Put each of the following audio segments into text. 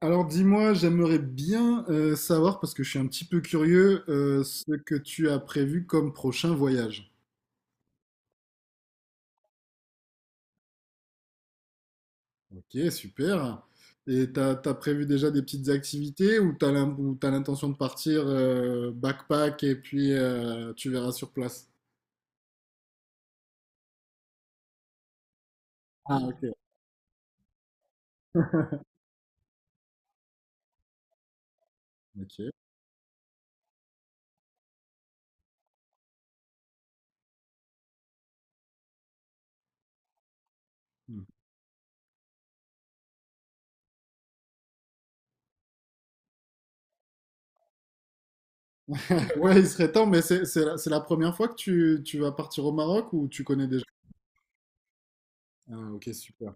Alors dis-moi, j'aimerais bien savoir, parce que je suis un petit peu curieux, ce que tu as prévu comme prochain voyage. Ok, super. Et t'as prévu déjà des petites activités ou t'as l'intention de partir backpack et puis tu verras sur place? Ah, ok. Ok. Hmm. Ouais, il serait temps, mais c'est la première fois que tu vas partir au Maroc ou tu connais déjà? Ah, ok, super.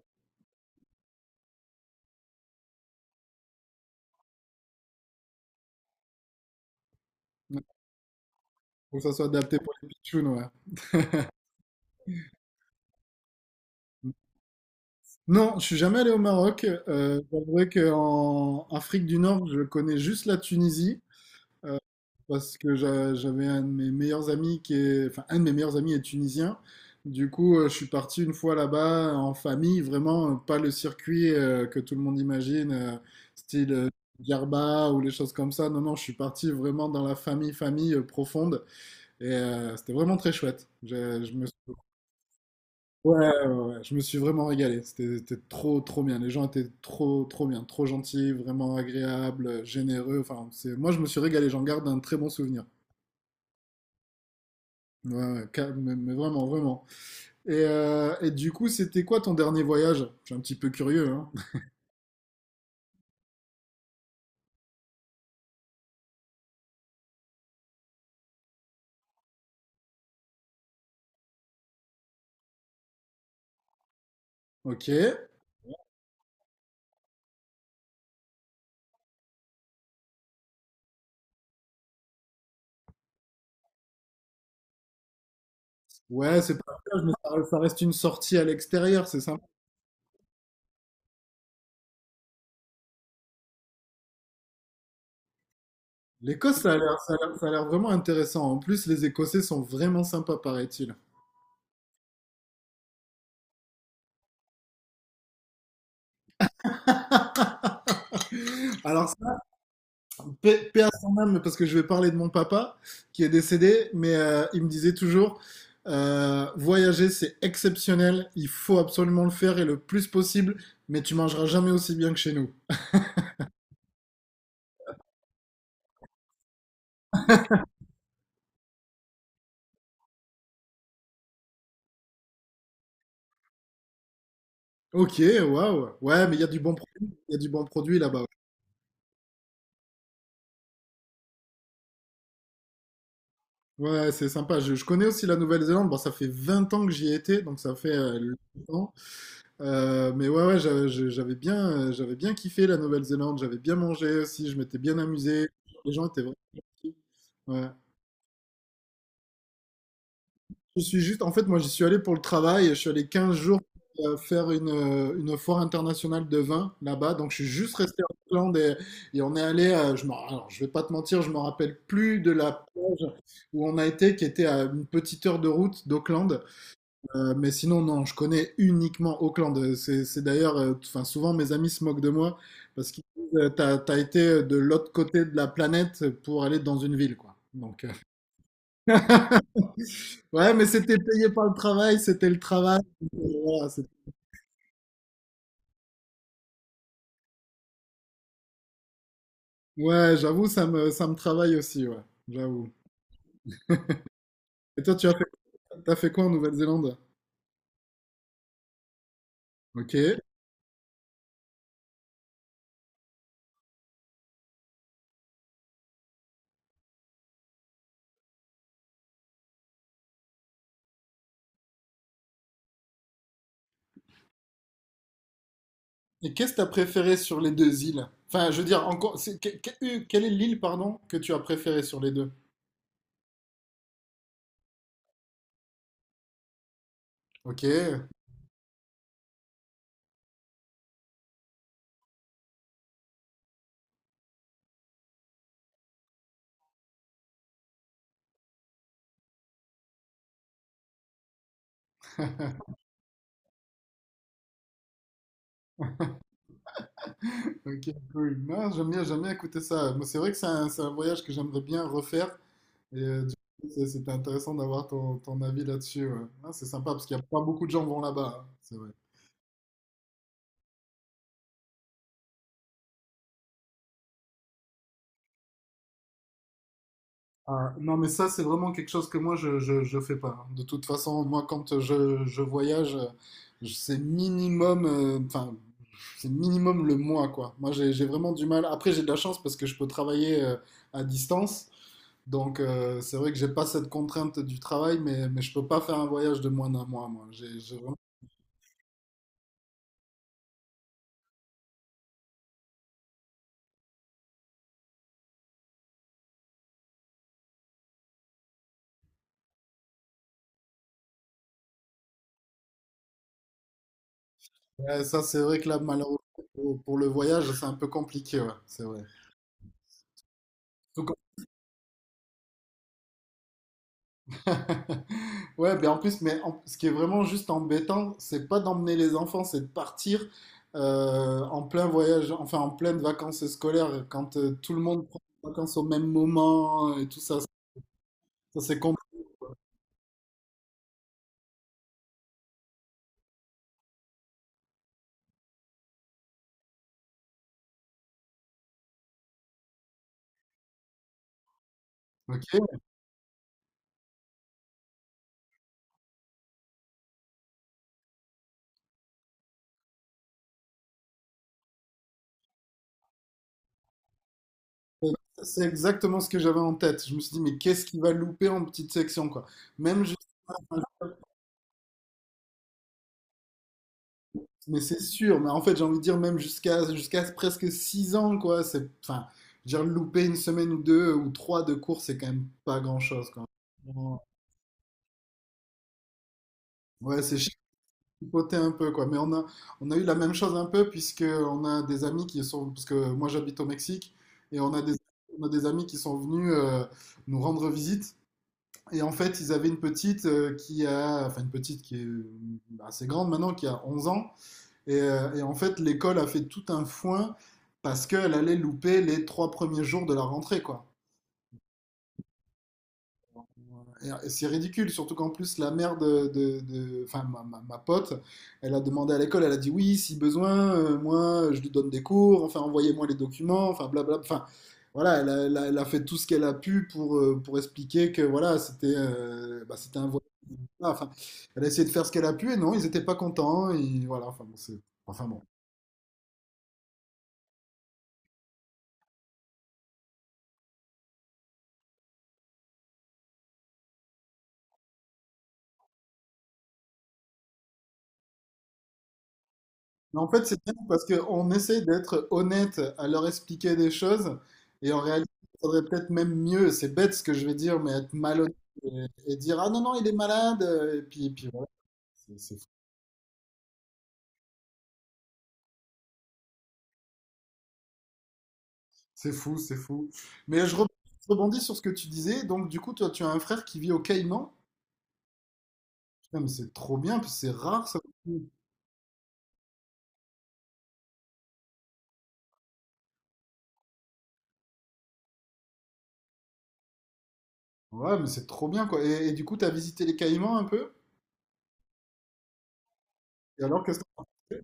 Faut que ça soit adapté pour les pitchounes, ouais. Non, je suis jamais allé au Maroc. J'avouerai qu'en Afrique du Nord, je connais juste la Tunisie parce que j'avais un de mes meilleurs amis qui est, enfin, un de mes meilleurs amis est tunisien. Du coup, je suis parti une fois là-bas en famille, vraiment pas le circuit que tout le monde imagine, style Djerba ou les choses comme ça. Non, non, je suis parti vraiment dans la famille, famille profonde et c'était vraiment très chouette. Je me… Ouais, ouais, ouais, je me suis vraiment régalé. C'était trop, trop bien. Les gens étaient trop, trop bien, trop gentils, vraiment agréables, généreux. Enfin, moi, je me suis régalé. J'en garde un très bon souvenir. Ouais, ouais, mais vraiment, vraiment. Et du coup, c'était quoi ton dernier voyage? Je suis un petit peu curieux, hein. Ok. Ouais, c'est pas un voyage, mais ça reste une sortie à l'extérieur, c'est sympa. L'Écosse, ça a l'air vraiment intéressant. En plus, les Écossais sont vraiment sympas, paraît-il. Alors, paix paix à son âme, parce que je vais parler de mon papa qui est décédé, mais il me disait toujours, voyager c'est exceptionnel, il faut absolument le faire et le plus possible, mais tu mangeras jamais aussi bien que chez nous. Ok, waouh, ouais, mais il y a du bon produit, il y a du bon produit là-bas. Ouais, ouais, c'est sympa. Je connais aussi la Nouvelle-Zélande. Bon, ça fait 20 ans que j'y ai été, donc ça fait longtemps. Mais ouais, ouais, j'avais bien kiffé la Nouvelle-Zélande. J'avais bien mangé aussi. Je m'étais bien amusé. Les gens étaient vraiment gentils. Ouais. En fait, moi, j'y suis allé pour le travail. Je suis allé 15 jours faire une foire internationale de vin là-bas. Donc, je suis juste resté en Irlande et on est allé, je m'en- alors, je vais pas te mentir, je me rappelle plus de la plage où on a été, qui était à une petite heure de route d'Auckland. Mais sinon, non, je connais uniquement Auckland. C'est d'ailleurs, enfin, souvent mes amis se moquent de moi parce qu'ils disent, t'as été de l'autre côté de la planète pour aller dans une ville, quoi. Donc, ouais, mais c'était payé par le travail, c'était le travail. Voilà, c'était- ouais, j'avoue, ça me travaille aussi, ouais, j'avoue. Et toi, t'as fait quoi en Nouvelle-Zélande? Ok. Et qu'est-ce que t'as préféré sur les deux îles? Enfin, je veux dire, encore, quelle est l'île, pardon, que tu as préférée sur les deux? Ok. Ok, cool. Non, j'aime bien écouter ça. Moi, c'est vrai que c'est un voyage que j'aimerais bien refaire. Et du coup, c'était intéressant d'avoir ton avis là-dessus. Ouais. Ah, c'est sympa parce qu'il n'y a pas beaucoup de gens vont là-bas, hein. C'est vrai. Ah, non, mais ça, c'est vraiment quelque chose que moi, je fais pas. De toute façon, moi, quand je voyage, enfin, c'est minimum le mois, quoi. Moi, j'ai vraiment du mal. Après, j'ai de la chance parce que je peux travailler à distance. Donc, c'est vrai que j'ai pas cette contrainte du travail, mais je peux pas faire un voyage de moins d'un mois, moi. J'ai vraiment— Ouais, ça, c'est vrai que là, malheureusement, pour le voyage, c'est un peu compliqué, ouais, c'est vrai. Ouais, ben en plus, mais ce qui est vraiment juste embêtant, c'est pas d'emmener les enfants, c'est de partir en plein voyage, enfin en pleine vacances scolaires, quand tout le monde prend des vacances au même moment et tout ça. Ça, c'est compliqué. Ok. euh, C'est exactement ce que j'avais en tête. Je me suis dit, mais qu'est-ce qui va louper en petite section, quoi. Même jusqu'à, mais c'est sûr, mais en fait, j'ai envie de dire, même jusqu'à presque 6 ans, quoi. Enfin, je veux dire, louper une semaine ou deux ou trois de cours, c'est quand même pas grand-chose, quoi. Ouais, c'est chipoté un peu, quoi. Mais on a eu la même chose un peu, puisque on a des amis qui sont, parce que moi j'habite au Mexique, et on a des amis qui sont venus nous rendre visite. Et en fait, ils avaient une petite enfin une petite qui est bah, assez grande maintenant, qui a 11 ans. Et en fait, l'école a fait tout un foin parce qu'elle allait louper les trois premiers jours de la rentrée, quoi. Ouais. Et c'est ridicule, surtout qu'en plus la mère enfin ma pote, elle a demandé à l'école, elle a dit oui, si besoin, moi je lui donne des cours, enfin envoyez-moi les documents, enfin blablabla, enfin voilà, elle a, elle a fait tout ce qu'elle a pu pour expliquer que voilà, c'était bah, c'était un voyage. Voilà, enfin elle a essayé de faire ce qu'elle a pu et non, ils n'étaient pas contents, et voilà, enfin bon, enfin bon. Mais en fait, c'est bien parce qu'on essaye d'être honnête à leur expliquer des choses et en réalité, il faudrait peut-être même mieux. C'est bête ce que je vais dire, mais être malhonnête et dire, ah non, non, il est malade. Et puis voilà, c'est c'est fou, c'est fou, c'est fou. Mais je rebondis sur ce que tu disais. Donc, du coup, toi, tu as un frère qui vit au Caïman. Putain, mais c'est trop bien, puis c'est rare ça. Ouais, mais c'est trop bien quoi. Et du coup, tu as visité les Caïmans un peu? Et alors, qu'est-ce que t'en as pensé?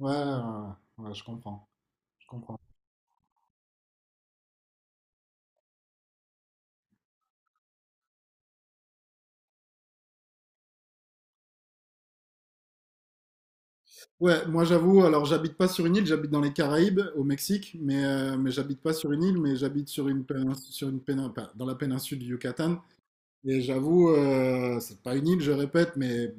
Ouais, ouais, ouais, ouais, je comprends. Je comprends. Ouais, moi j'avoue, alors j'habite pas sur une île, j'habite dans les Caraïbes, au Mexique, mais j'habite pas sur une île, mais j'habite sur une pénin- pas- dans la péninsule du Yucatan. Et j'avoue, c'est pas une île, je répète, mais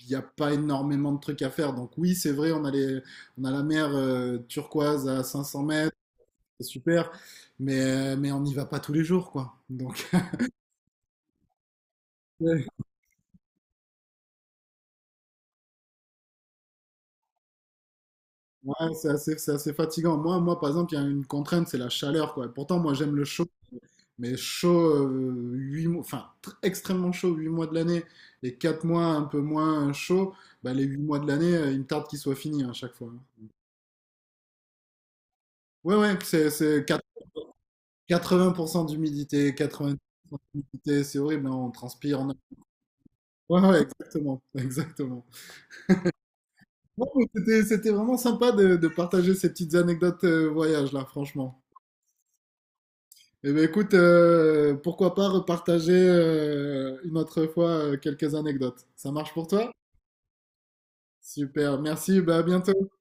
il n'y a pas énormément de trucs à faire. Donc oui, c'est vrai, on a la mer turquoise à 500 mètres, c'est super, mais, mais on n'y va pas tous les jours, quoi. Donc ouais, c'est assez fatigant. Moi, par exemple, il y a une contrainte, c'est la chaleur, quoi. Pourtant, moi j'aime le chaud. Mais chaud, huit mois, enfin extrêmement chaud 8 mois de l'année et 4 mois un peu moins chaud, bah, les 8 mois de l'année, il me tarde qu'ils soient finis hein, à chaque fois. Ouais, ouais, c'est 80% d'humidité, 80% d'humidité, c'est horrible, hein, on transpire. On… a— Ouais, ouais, exactement, exactement. Bon, mais c'était vraiment sympa de partager ces petites anecdotes voyage là, franchement. Eh ben écoute, pourquoi pas repartager une autre fois quelques anecdotes. Ça marche pour toi? Super, merci, bah, à bientôt.